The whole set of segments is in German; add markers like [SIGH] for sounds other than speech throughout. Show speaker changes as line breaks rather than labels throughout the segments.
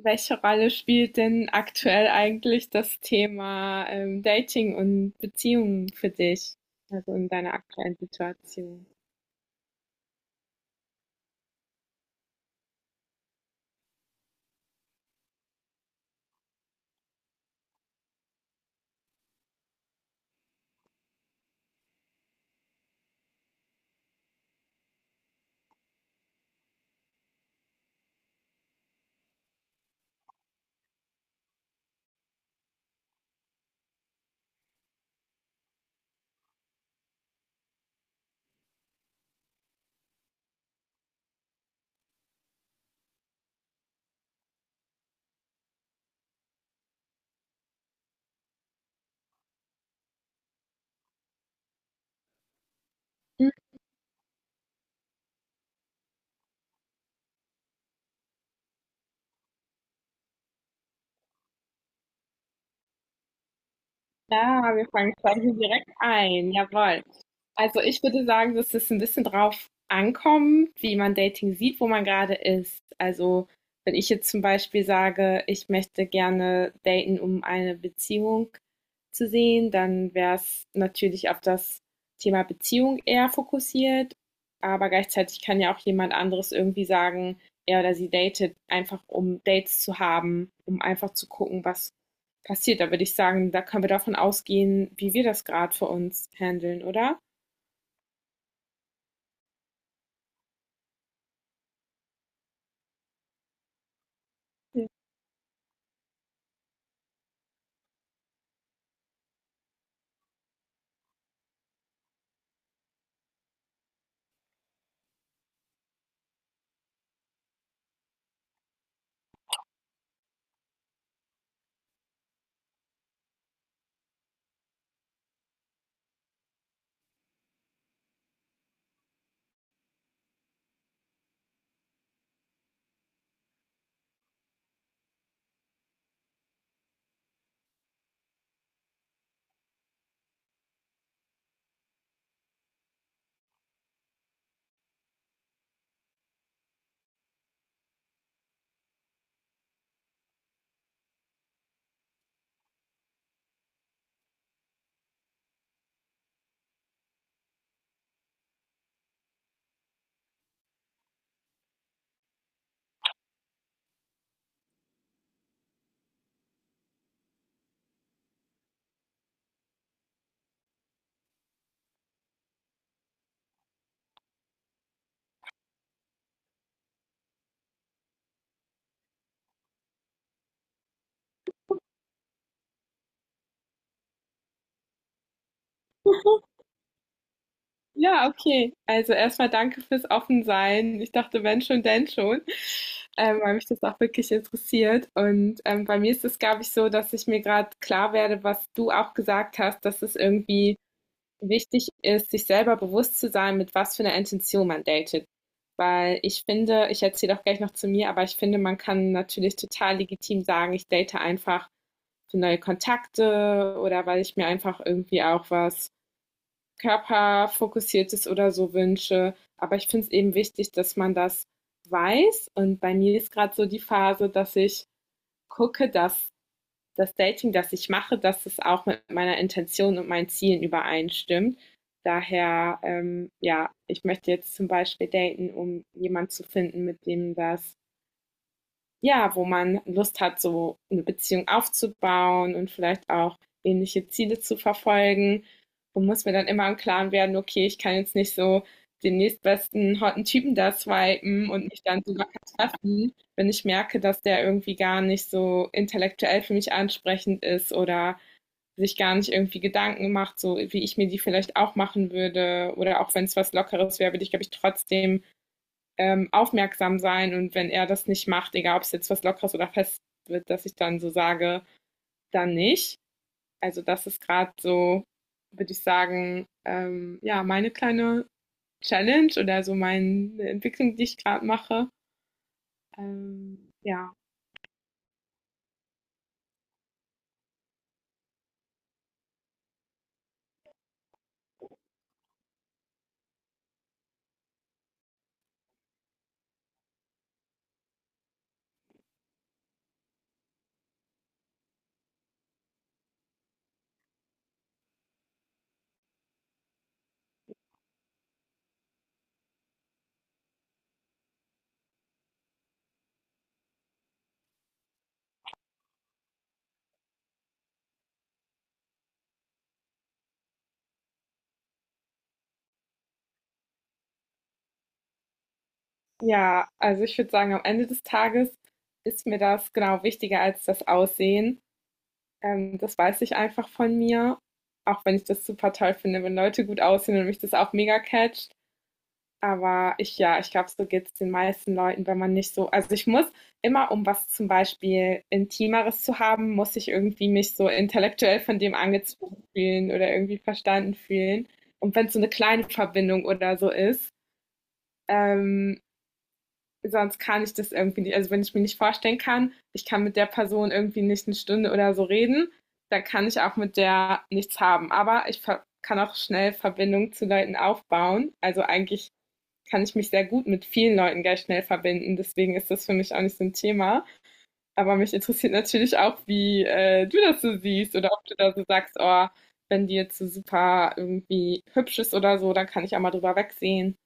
Welche Rolle spielt denn aktuell eigentlich das Thema, Dating und Beziehungen für dich, also in deiner aktuellen Situation? Ja, wir fangen quasi direkt ein. Jawohl. Also ich würde sagen, dass es ein bisschen drauf ankommt, wie man Dating sieht, wo man gerade ist. Also wenn ich jetzt zum Beispiel sage, ich möchte gerne daten, um eine Beziehung zu sehen, dann wäre es natürlich auf das Thema Beziehung eher fokussiert. Aber gleichzeitig kann ja auch jemand anderes irgendwie sagen, er oder sie datet einfach, um Dates zu haben, um einfach zu gucken, was passiert. Da würde ich sagen, da können wir davon ausgehen, wie wir das gerade für uns handeln, oder? Ja. [LAUGHS] Ja, okay. Also erstmal danke fürs Offensein. Ich dachte, wenn schon, denn schon, weil mich das auch wirklich interessiert. Und bei mir ist es, glaube ich, so, dass ich mir gerade klar werde, was du auch gesagt hast, dass es irgendwie wichtig ist, sich selber bewusst zu sein, mit was für einer Intention man datet. Weil ich finde, ich erzähle auch gleich noch zu mir, aber ich finde, man kann natürlich total legitim sagen, ich date einfach für neue Kontakte oder weil ich mir einfach irgendwie auch was körperfokussiertes oder so wünsche. Aber ich finde es eben wichtig, dass man das weiß. Und bei mir ist gerade so die Phase, dass ich gucke, dass das Dating, das ich mache, dass es auch mit meiner Intention und meinen Zielen übereinstimmt. Daher, ja, ich möchte jetzt zum Beispiel daten, um jemanden zu finden, mit dem das ja, wo man Lust hat, so eine Beziehung aufzubauen und vielleicht auch ähnliche Ziele zu verfolgen und muss mir dann immer im Klaren werden, okay, ich kann jetzt nicht so den nächstbesten hotten Typen da swipen und mich dann so sogar treffen, wenn ich merke, dass der irgendwie gar nicht so intellektuell für mich ansprechend ist oder sich gar nicht irgendwie Gedanken macht, so wie ich mir die vielleicht auch machen würde. Oder auch wenn es was Lockeres wäre, würde ich, glaube ich, trotzdem aufmerksam sein und wenn er das nicht macht, egal ob es jetzt was Lockeres oder fest wird, dass ich dann so sage, dann nicht. Also das ist gerade so, würde ich sagen, ja, meine kleine Challenge oder so meine Entwicklung, die ich gerade mache. Ja. Ja, also ich würde sagen, am Ende des Tages ist mir das genau wichtiger als das Aussehen. Das weiß ich einfach von mir. Auch wenn ich das super toll finde, wenn Leute gut aussehen und mich das auch mega catcht. Aber ich ja, ich glaube, so geht es den meisten Leuten, wenn man nicht so also ich muss immer, um was zum Beispiel Intimeres zu haben, muss ich irgendwie mich so intellektuell von dem angezogen fühlen oder irgendwie verstanden fühlen. Und wenn es so eine kleine Verbindung oder so ist, ähm, sonst kann ich das irgendwie nicht also wenn ich mir nicht vorstellen kann, ich kann mit der Person irgendwie nicht eine Stunde oder so reden, dann kann ich auch mit der nichts haben. Aber ich ver kann auch schnell Verbindung zu Leuten aufbauen. Also eigentlich kann ich mich sehr gut mit vielen Leuten gleich schnell verbinden. Deswegen ist das für mich auch nicht so ein Thema. Aber mich interessiert natürlich auch, wie du das so siehst oder ob du da so sagst, oh, wenn die jetzt so super irgendwie hübsch ist oder so, dann kann ich auch mal drüber wegsehen.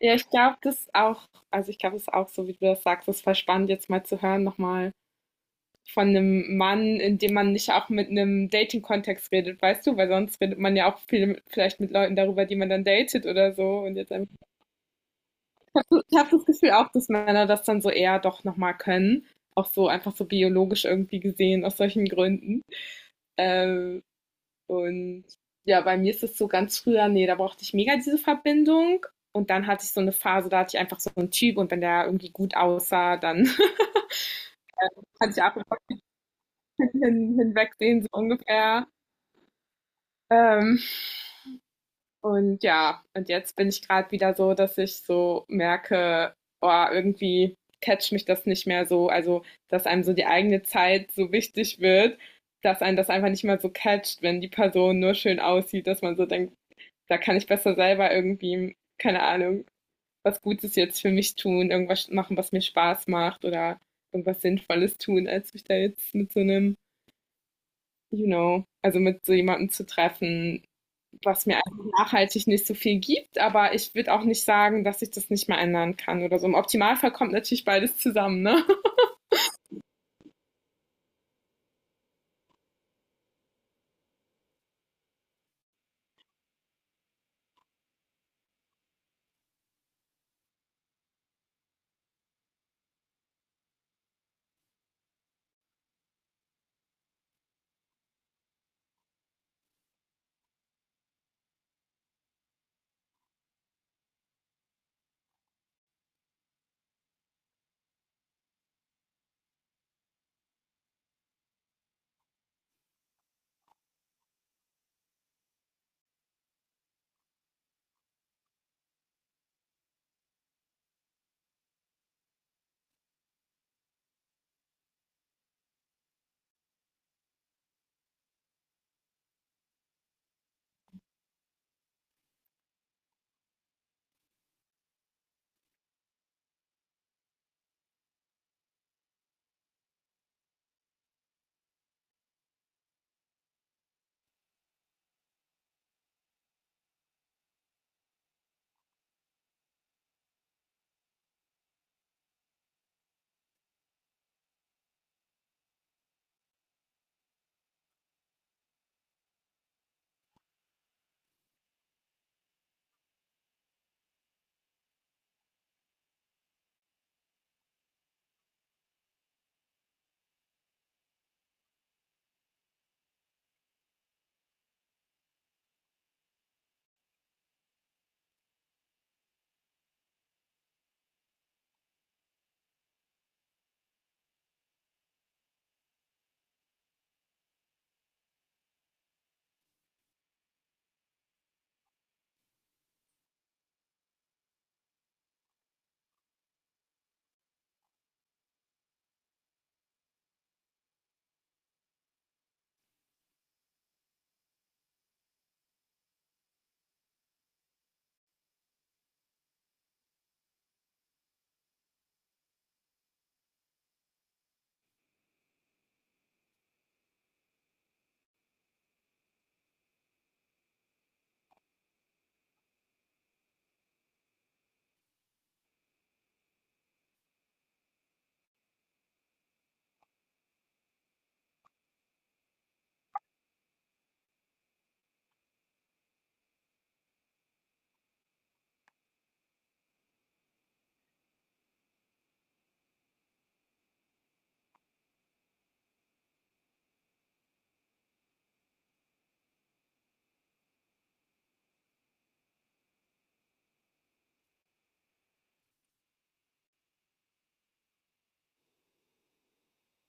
Ja, ich glaube, das ist auch, also ich glaube, das ist auch so, wie du das sagst, das ist voll spannend, jetzt mal zu hören nochmal von einem Mann, in dem man nicht auch mit einem Dating-Kontext redet, weißt du, weil sonst redet man ja auch viel, mit, vielleicht mit Leuten darüber, die man dann datet oder so und jetzt einfach. Ich habe das Gefühl auch, dass Männer das dann so eher doch nochmal können. Auch so einfach so biologisch irgendwie gesehen, aus solchen Gründen. Ähm, und ja, bei mir ist es so ganz früher, nee, da brauchte ich mega diese Verbindung. Und dann hatte ich so eine Phase, da hatte ich einfach so einen Typ und wenn der irgendwie gut aussah, dann [LAUGHS] hatte ich ab und hinwegsehen, so ungefähr. Ähm, ja, und jetzt bin ich gerade wieder so, dass ich so merke, oh, irgendwie catcht mich das nicht mehr so. Also, dass einem so die eigene Zeit so wichtig wird, dass einen das einfach nicht mehr so catcht, wenn die Person nur schön aussieht, dass man so denkt, da kann ich besser selber irgendwie, keine Ahnung, was Gutes jetzt für mich tun, irgendwas machen, was mir Spaß macht oder irgendwas Sinnvolles tun, als mich da jetzt mit so einem, also mit so jemandem zu treffen, was mir einfach nachhaltig nicht so viel gibt. Aber ich würde auch nicht sagen, dass ich das nicht mehr ändern kann oder so. Im Optimalfall kommt natürlich beides zusammen, ne?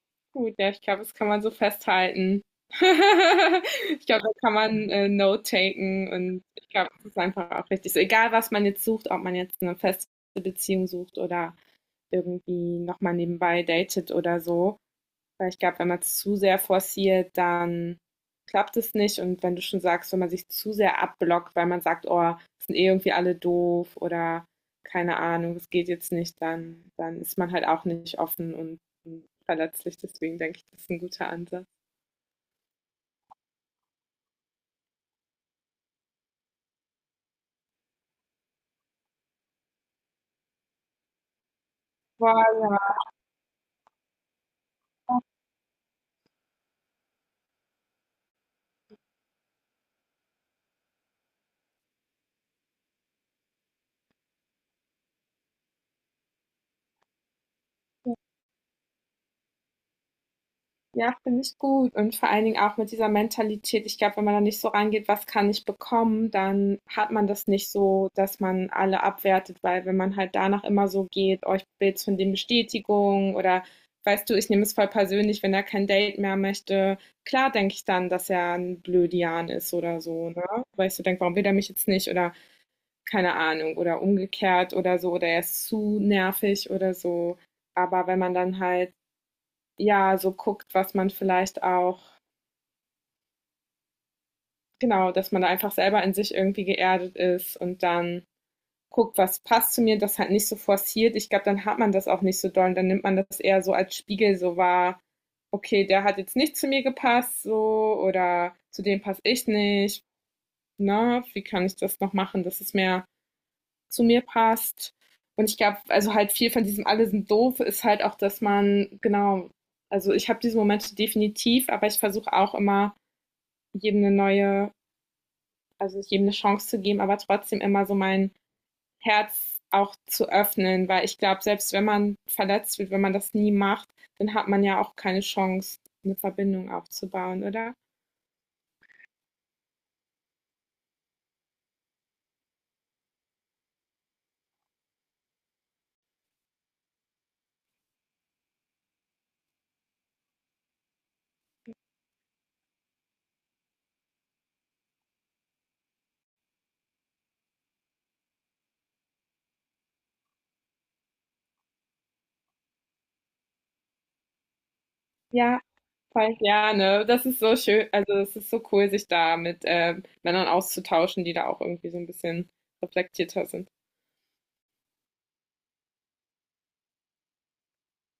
[LAUGHS] Gut, ja, ich glaube, das kann man so festhalten. [LAUGHS] Ich glaube, da kann man Note taken und ich glaube, das ist einfach auch richtig. So, egal, was man jetzt sucht, ob man jetzt eine feste Beziehung sucht oder irgendwie nochmal nebenbei datet oder so. Weil ich glaube, wenn man es zu sehr forciert, dann klappt es nicht. Und wenn du schon sagst, wenn man sich zu sehr abblockt, weil man sagt, oh, sind eh irgendwie alle doof oder keine Ahnung, es geht jetzt nicht, dann ist man halt auch nicht offen und verletzlich. Deswegen denke ich, das ist ein guter Ansatz. Voilà. Ja, finde ich gut. Und vor allen Dingen auch mit dieser Mentalität. Ich glaube, wenn man da nicht so rangeht, was kann ich bekommen, dann hat man das nicht so, dass man alle abwertet, weil wenn man halt danach immer so geht, euch oh, von dem Bestätigung oder weißt du, ich nehme es voll persönlich, wenn er kein Date mehr möchte, klar denke ich dann, dass er ein Blödian ist oder so, ne? Weil ich so denke, warum will er mich jetzt nicht oder keine Ahnung oder umgekehrt oder so oder er ist zu nervig oder so. Aber wenn man dann halt ja, so guckt, was man vielleicht auch, genau, dass man da einfach selber in sich irgendwie geerdet ist und dann guckt, was passt zu mir, das halt nicht so forciert. Ich glaube, dann hat man das auch nicht so doll und dann nimmt man das eher so als Spiegel so wahr. Okay, der hat jetzt nicht zu mir gepasst, so, oder zu dem passe ich nicht. Ne, wie kann ich das noch machen, dass es mehr zu mir passt? Und ich glaube, also halt viel von diesem alle sind doof ist halt auch, dass man, genau, also ich habe diese Momente definitiv, aber ich versuche auch immer jedem eine neue, also jedem eine Chance zu geben, aber trotzdem immer so mein Herz auch zu öffnen, weil ich glaube, selbst wenn man verletzt wird, wenn man das nie macht, dann hat man ja auch keine Chance, eine Verbindung aufzubauen, oder? Ja, voll gerne. Das ist so schön, also es ist so cool, sich da mit Männern auszutauschen, die da auch irgendwie so ein bisschen reflektierter sind.